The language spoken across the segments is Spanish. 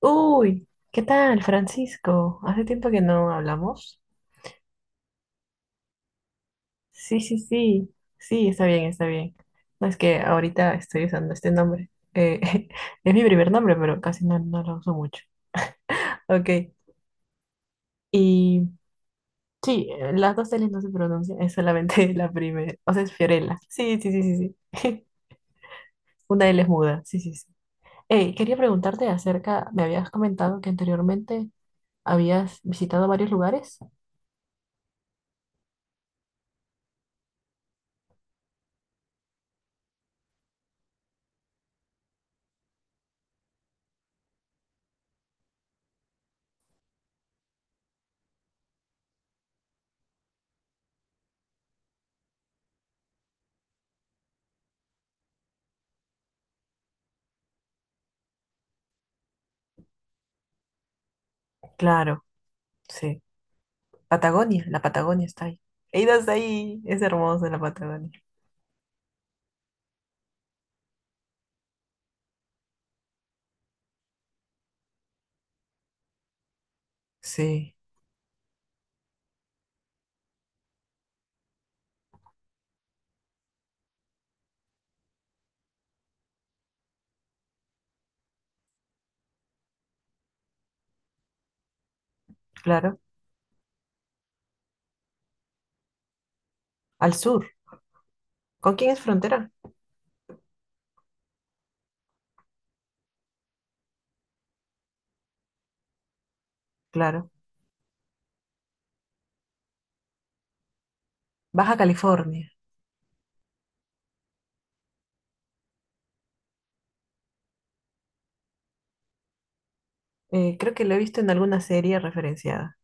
Uy, ¿qué tal, Francisco? Hace tiempo que no hablamos. Sí, sí, sí, sí, está bien, está bien. No es que ahorita estoy usando este nombre. Es mi primer nombre, pero casi no lo uso mucho. Ok, y sí, las dos L's no se pronuncian, es solamente la primera. O sea, es Fiorella. Sí, sí. Una L es muda, sí. Hey, quería preguntarte acerca, me habías comentado que anteriormente habías visitado varios lugares. Claro, sí. Patagonia, la Patagonia está ahí. He ido hasta ahí, es hermosa la Patagonia. Sí, claro. Al sur. ¿Con quién es frontera? Claro. Baja California. Creo que lo he visto en alguna serie referenciada.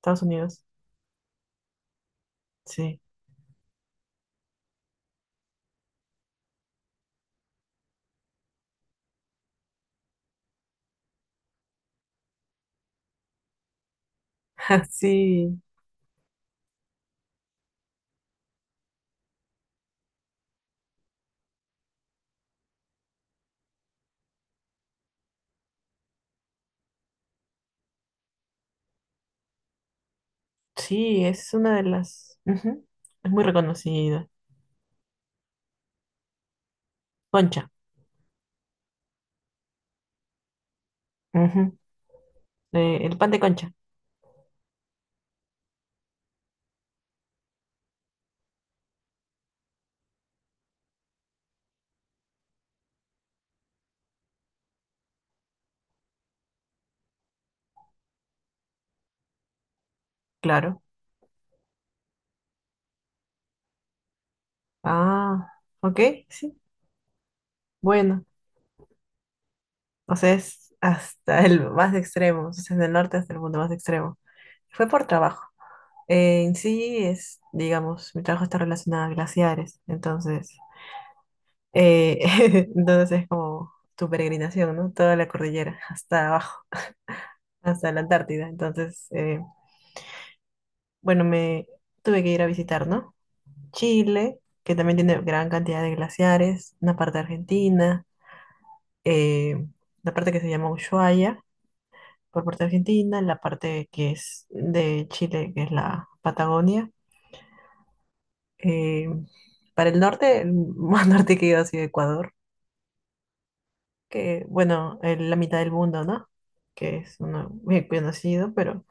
Estados Unidos. Sí. Sí, sí, es una de las... ujú. Es muy reconocida. Concha. Ujú, el pan de concha, claro. Ah, ok, sí. Bueno, o sea, es hasta el más extremo, o sea, desde el norte hasta el mundo más extremo. Fue por trabajo. En sí es, digamos, mi trabajo está relacionado a glaciares, entonces, eh, entonces es como tu peregrinación, ¿no? Toda la cordillera, hasta abajo, hasta la Antártida. Entonces, bueno, me tuve que ir a visitar, ¿no? Chile, que también tiene gran cantidad de glaciares, una parte de Argentina, eh, la parte que se llama Ushuaia, por parte de Argentina, la parte que es de Chile, que es la Patagonia. Eh, para el norte, el más norte que he ido ha sido Ecuador, que bueno, en la mitad del mundo, ¿no? Que es uno bien conocido, pero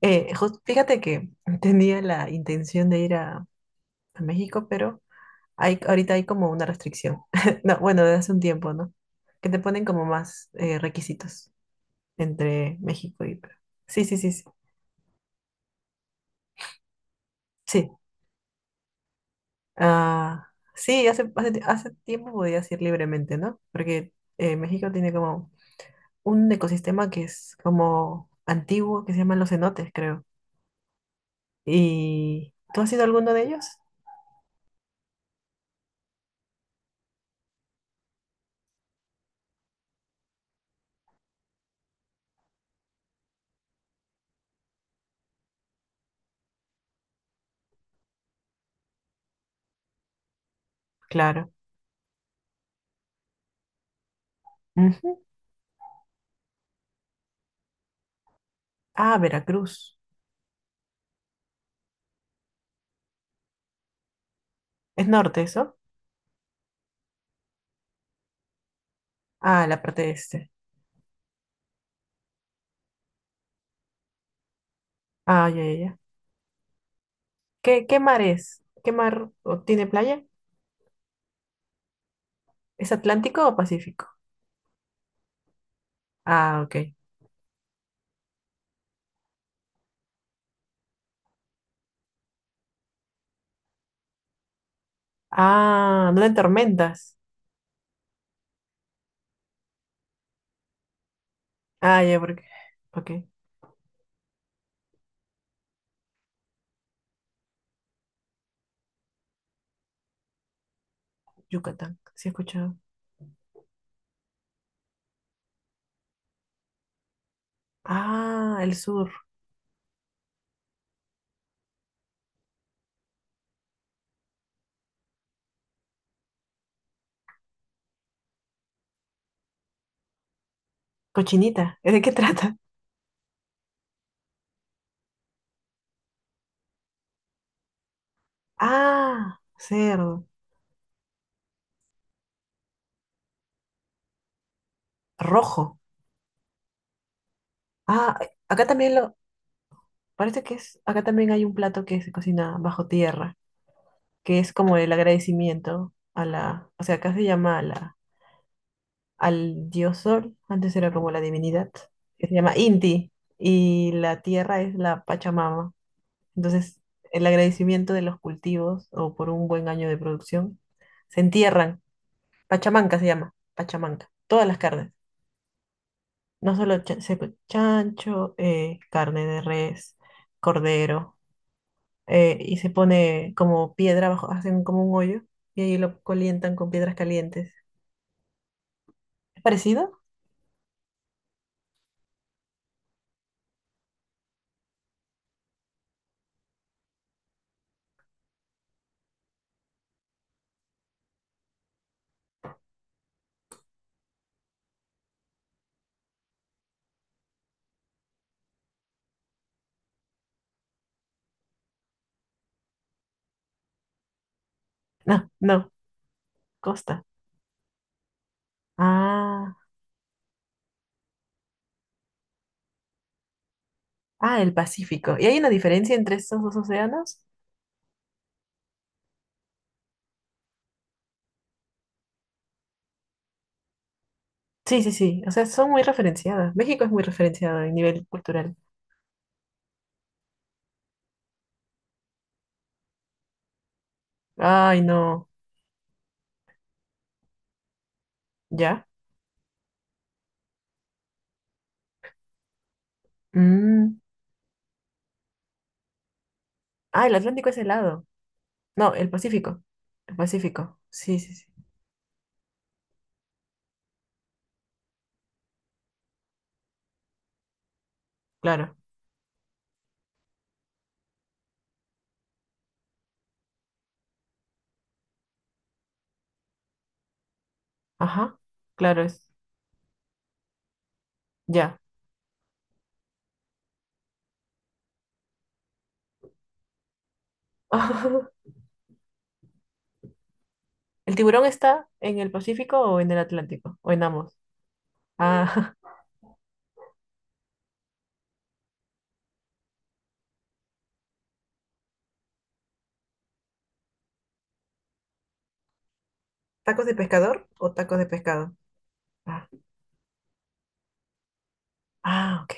fíjate que tenía la intención de ir a México, pero ahorita hay como una restricción. No, bueno, desde hace un tiempo, ¿no? Que te ponen como más requisitos entre México y Perú. Sí. Sí. Ah, sí hace tiempo podías ir libremente, ¿no? Porque México tiene como un ecosistema que es como antiguo, que se llaman los cenotes, creo. ¿Y tú has ido a alguno de ellos? Claro. Ujú. Ah, Veracruz. ¿Es norte eso? Ah, la parte este. Ah, ya. ¿Qué, qué mar es? ¿Qué mar o tiene playa? ¿Es Atlántico o Pacífico? Ah, ok. Ah, ¿no hay tormentas? Ah, ya, porque... Ok, Yucatán. Sí he escuchado. Ah, el sur. Cochinita. ¿De qué trata? Ah, cerdo. Rojo. Ah, acá parece que es, acá también hay un plato que se cocina bajo tierra, que es como el agradecimiento a la, o sea, acá se llama a la, al dios sol, antes era como la divinidad, que se llama Inti, y la tierra es la Pachamama. Entonces, el agradecimiento de los cultivos o por un buen año de producción, se entierran. Pachamanca se llama, Pachamanca, todas las carnes, no solo chancho, carne de res, cordero. Y se pone como piedra abajo, hacen como un hoyo y ahí lo calientan con piedras calientes. ¿Es parecido? No, no, costa. Ah, el Pacífico. ¿Y hay una diferencia entre estos dos océanos? Sí, o sea, son muy referenciadas. México es muy referenciado en nivel cultural. Ay, no, ¿ya? Mm. Ah, el Atlántico es helado. No, el Pacífico. El Pacífico, claro. Ajá, claro, es, ya. ¿El tiburón está en el Pacífico o en el Atlántico? ¿O en ambos? Ah. ¿Tacos de pescador o tacos de pescado? Ah, ah, ok.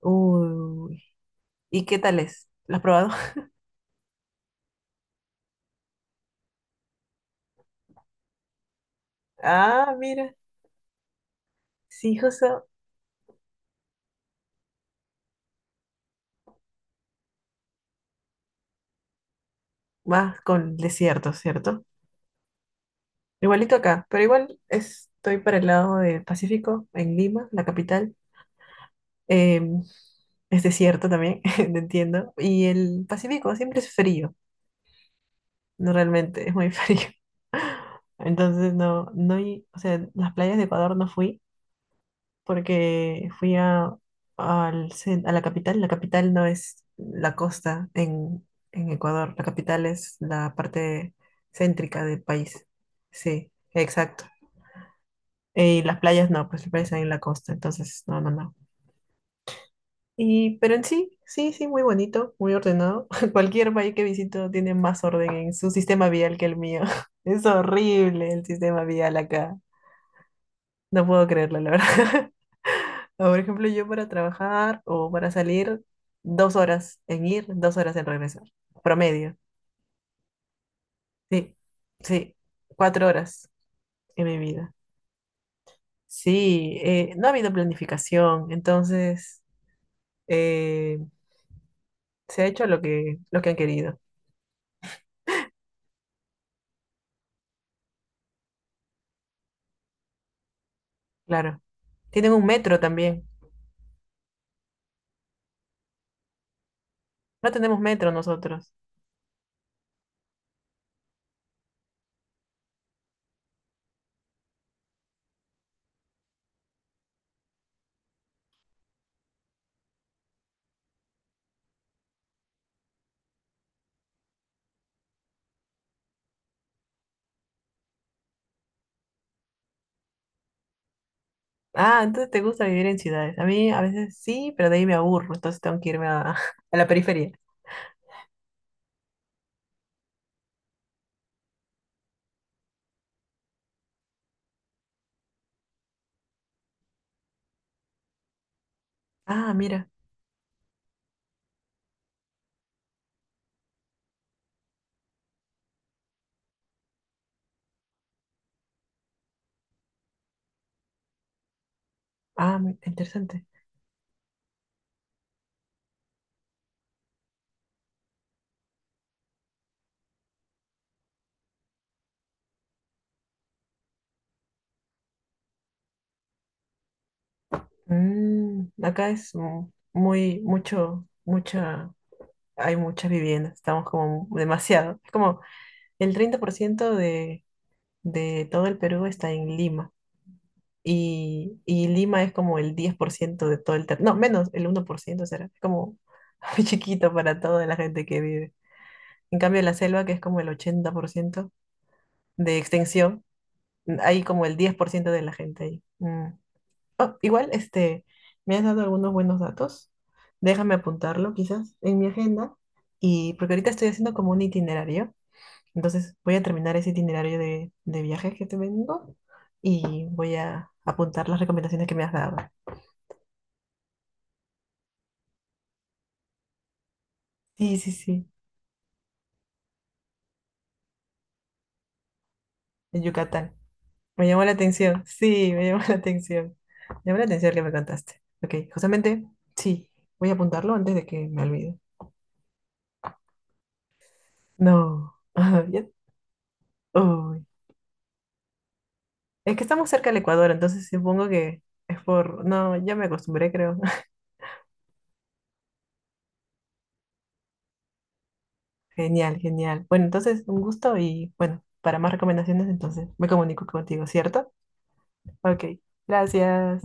Uy, ¿y qué tal es? ¿Lo has probado? Ah, mira, sí, justo más con desierto, ¿cierto? Igualito acá, pero igual estoy para el lado del Pacífico, en Lima, la capital. Em, es desierto también, no entiendo. Y el Pacífico siempre es frío. No, realmente, es muy frío. Entonces, no, no, hay- o sea, las playas de Ecuador no fui porque fui al a la capital. La capital no es la costa en Ecuador, la capital es la parte céntrica del país. Sí, exacto. Y las playas no, pues las playas están en la costa, entonces, no. Y, pero en sí, muy bonito, muy ordenado. Cualquier país que visito tiene más orden en su sistema vial que el mío. Es horrible el sistema vial acá. No puedo creerlo, la verdad. Por ejemplo, yo para trabajar o para salir, 2 horas en ir, 2 horas en regresar. Promedio. Sí, sí, 4 horas en mi vida. Sí, no ha habido planificación, entonces eh, se ha hecho lo que han querido. Claro. Tienen un metro también. No tenemos metro nosotros. Ah, entonces te gusta vivir en ciudades. A mí a veces sí, pero de ahí me aburro, entonces tengo que irme a, a la periferia. Ah, mira. Ah, mi- interesante. Mm, acá es muy, mucha, hay muchas viviendas. Estamos como mu- demasiado. Es como el 30% de todo el Perú está en Lima. Y y Lima es como el 10% de todo el territorio, no, menos el 1% será, es como muy chiquito para toda la gente que vive. En cambio, la selva, que es como el 80% de extensión, hay como el 10% de la gente ahí. Mm. Oh, igual, este, me has dado algunos buenos datos. Déjame apuntarlo quizás en mi agenda, y porque ahorita estoy haciendo como un itinerario, entonces voy a terminar ese itinerario de viajes que te vengo y voy a apuntar las recomendaciones que me has dado. Sí, sí, sí, en Yucatán. Me llamó la atención, sí, me llamó la atención. Me llamó la atención que me contaste. Ok, justamente, sí, voy a apuntarlo antes de que me olvide. No, ah, ya- uy. Es que estamos cerca del Ecuador, entonces supongo que es por... No, ya me acostumbré, creo. Genial, genial. Bueno, entonces, un gusto y bueno, para más recomendaciones, entonces me comunico contigo, ¿cierto? Ok, gracias.